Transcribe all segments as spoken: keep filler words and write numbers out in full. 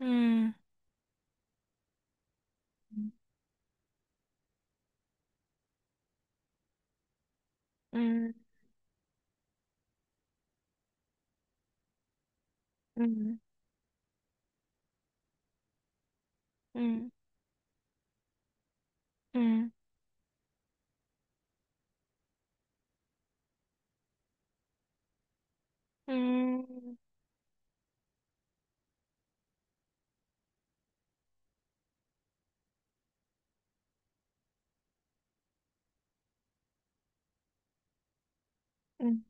음, 음, 음, 음, 음, 음, 음,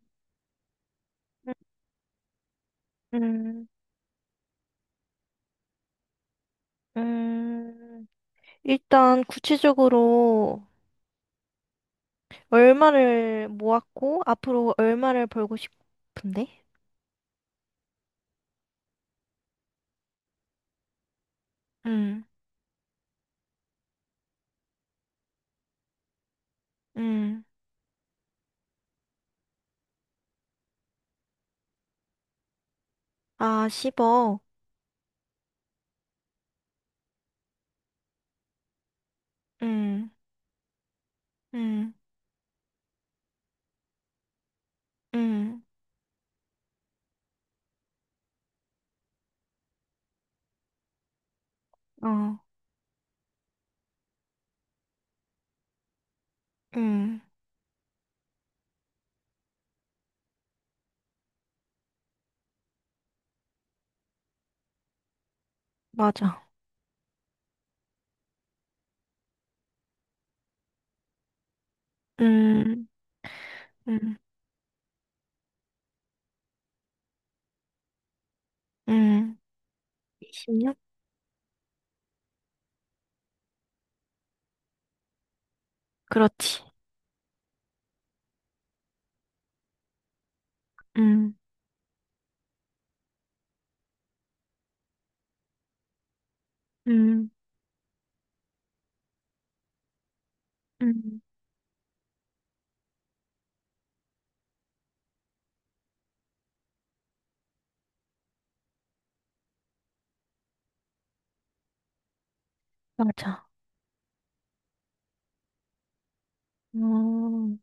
음, 음. 일단 구체적으로 얼마를 모았고 앞으로 얼마를 벌고 싶은데? 음, 음. 아, 십억. 음, 음, 음, 어, 음, 맞아. 음, 음, 음. 이십 년? 그렇지. 음, 음, 음, 맞아. 어.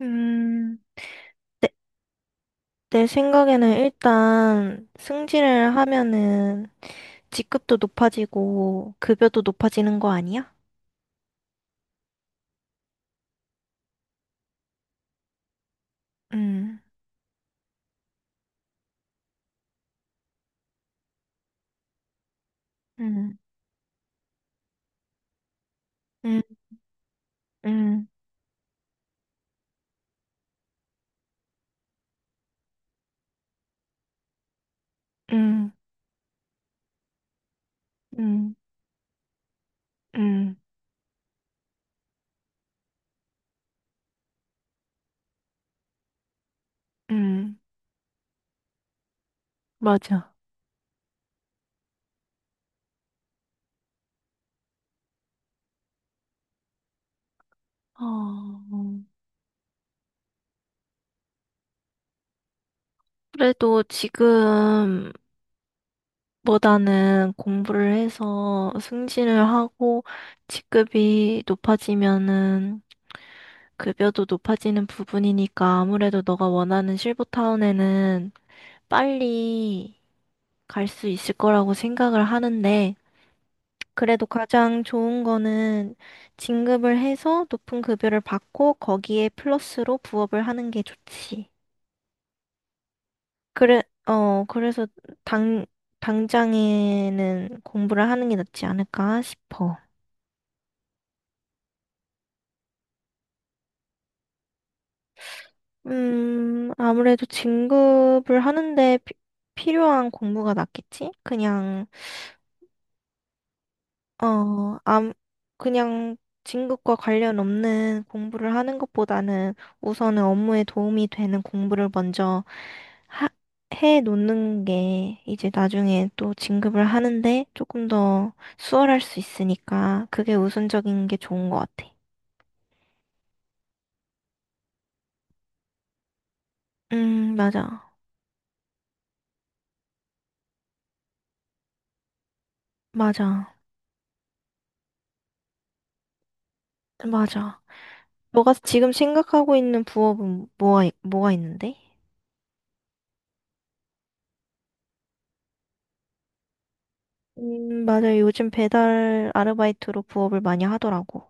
음, 내, 내 생각에는 일단 승진을 하면은 직급도 높아지고 급여도 높아지는 거 아니야? 음, 음, 음, 음, 음, 음, 음, 음, 맞아. 어, 그래도 지금보다는 공부를 해서 승진을 하고 직급이 높아지면은 급여도 높아지는 부분이니까 아무래도 너가 원하는 실버타운에는 빨리 갈 수 있을 거라고 생각을 하는데, 그래도 가장 좋은 거는 진급을 해서 높은 급여를 받고 거기에 플러스로 부업을 하는 게 좋지. 그래, 어, 그래서 당, 당장에는 공부를 하는 게 낫지 않을까 싶어. 음, 아무래도 진급을 하는데 피- 필요한 공부가 낫겠지? 그냥 어, 암, 그냥 진급과 관련 없는 공부를 하는 것보다는 우선은 업무에 도움이 되는 공부를 먼저 하, 해 놓는 게 이제 나중에 또 진급을 하는데 조금 더 수월할 수 있으니까 그게 우선적인 게 좋은 것 같아. 음, 맞아. 맞아. 맞아. 너가 지금 생각하고 있는 부업은 뭐가, 뭐가 있는데? 음, 맞아. 요즘 배달 아르바이트로 부업을 많이 하더라고.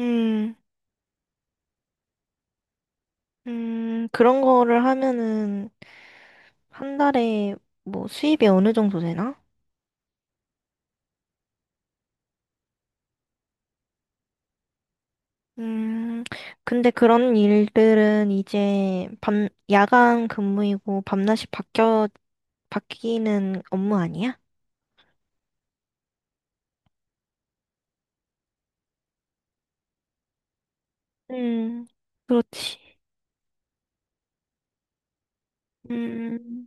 음. 음, 그런 거를 하면은 한 달에 뭐 수입이 어느 정도 되나? 음, 근데 그런 일들은 이제 밤, 야간 근무이고 밤낮이 바뀌어, 바뀌는 업무 아니야? 음, 그렇지. 음,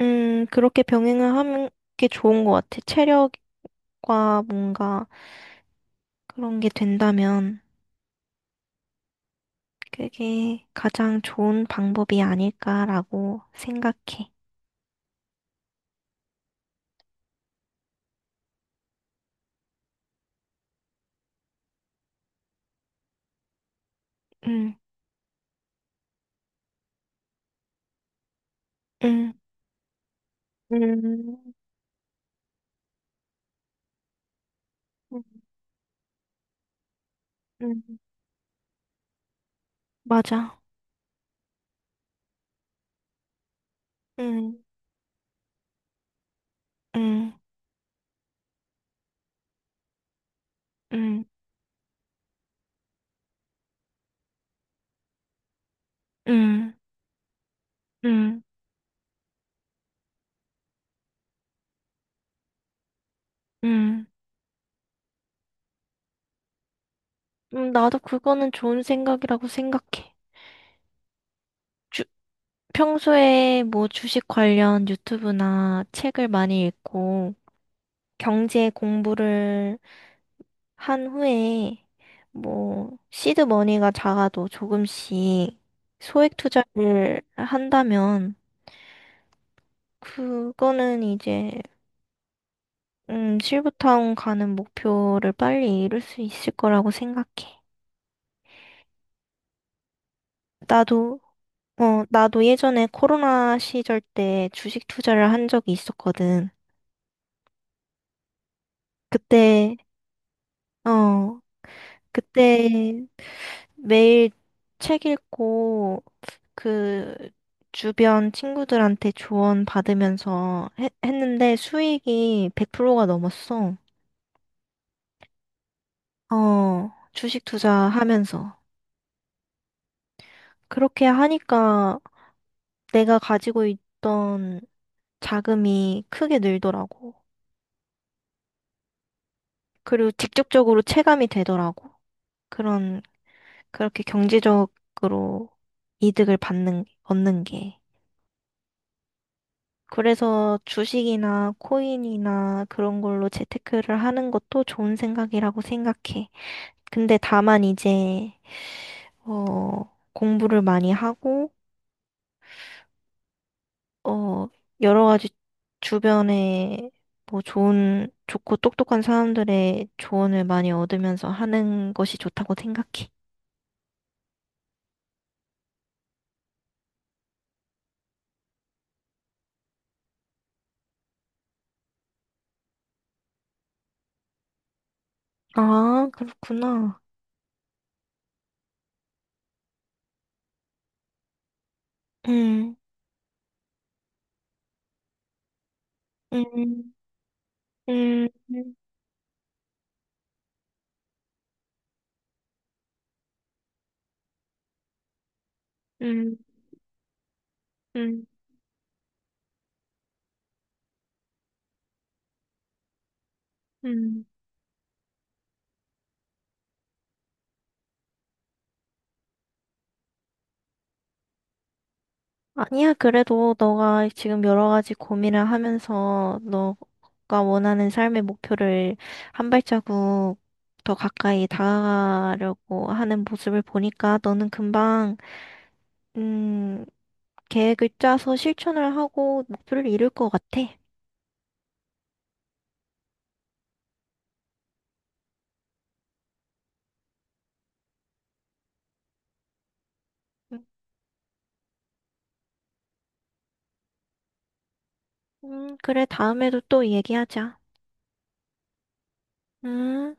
음, 그렇게 병행을 하는 게 좋은 것 같아. 체력과 뭔가 그런 게 된다면 그게 가장 좋은 방법이 아닐까라고 생각해. 응, 응, 음, 음, 음, 맞아. 응, 응, 응, 응, 응, 응. 음, 나도 그거는 좋은 생각이라고 생각해. 주, 평소에 뭐 주식 관련 유튜브나 책을 많이 읽고 경제 공부를 한 후에 뭐 시드 머니가 작아도 조금씩 소액 투자를 한다면 그거는 이제 음, 실버타운 가는 목표를 빨리 이룰 수 있을 거라고 생각해. 나도, 어, 나도 예전에 코로나 시절 때 주식 투자를 한 적이 있었거든. 그때, 어, 그때 매일 책 읽고 그 주변 친구들한테 조언 받으면서 해- 했는데 수익이 백 퍼센트가 넘었어. 어, 주식 투자하면서. 그렇게 하니까 내가 가지고 있던 자금이 크게 늘더라고. 그리고 직접적으로 체감이 되더라고. 그런, 그렇게 경제적으로 이득을 받는, 얻는 게. 그래서 주식이나 코인이나 그런 걸로 재테크를 하는 것도 좋은 생각이라고 생각해. 근데 다만 이제, 어, 공부를 많이 하고, 어, 여러 가지 주변에 뭐 좋은, 좋고 똑똑한 사람들의 조언을 많이 얻으면서 하는 것이 좋다고 생각해. 아, 그렇구나. 음, 음, 음, 음, 음, 음. 아니야, 그래도 너가 지금 여러 가지 고민을 하면서 너가 원하는 삶의 목표를 한 발자국 더 가까이 다가가려고 하는 모습을 보니까 너는 금방, 음, 계획을 짜서 실천을 하고 목표를 이룰 것 같아. 음, 그래, 다음에도 또 얘기하자. 음.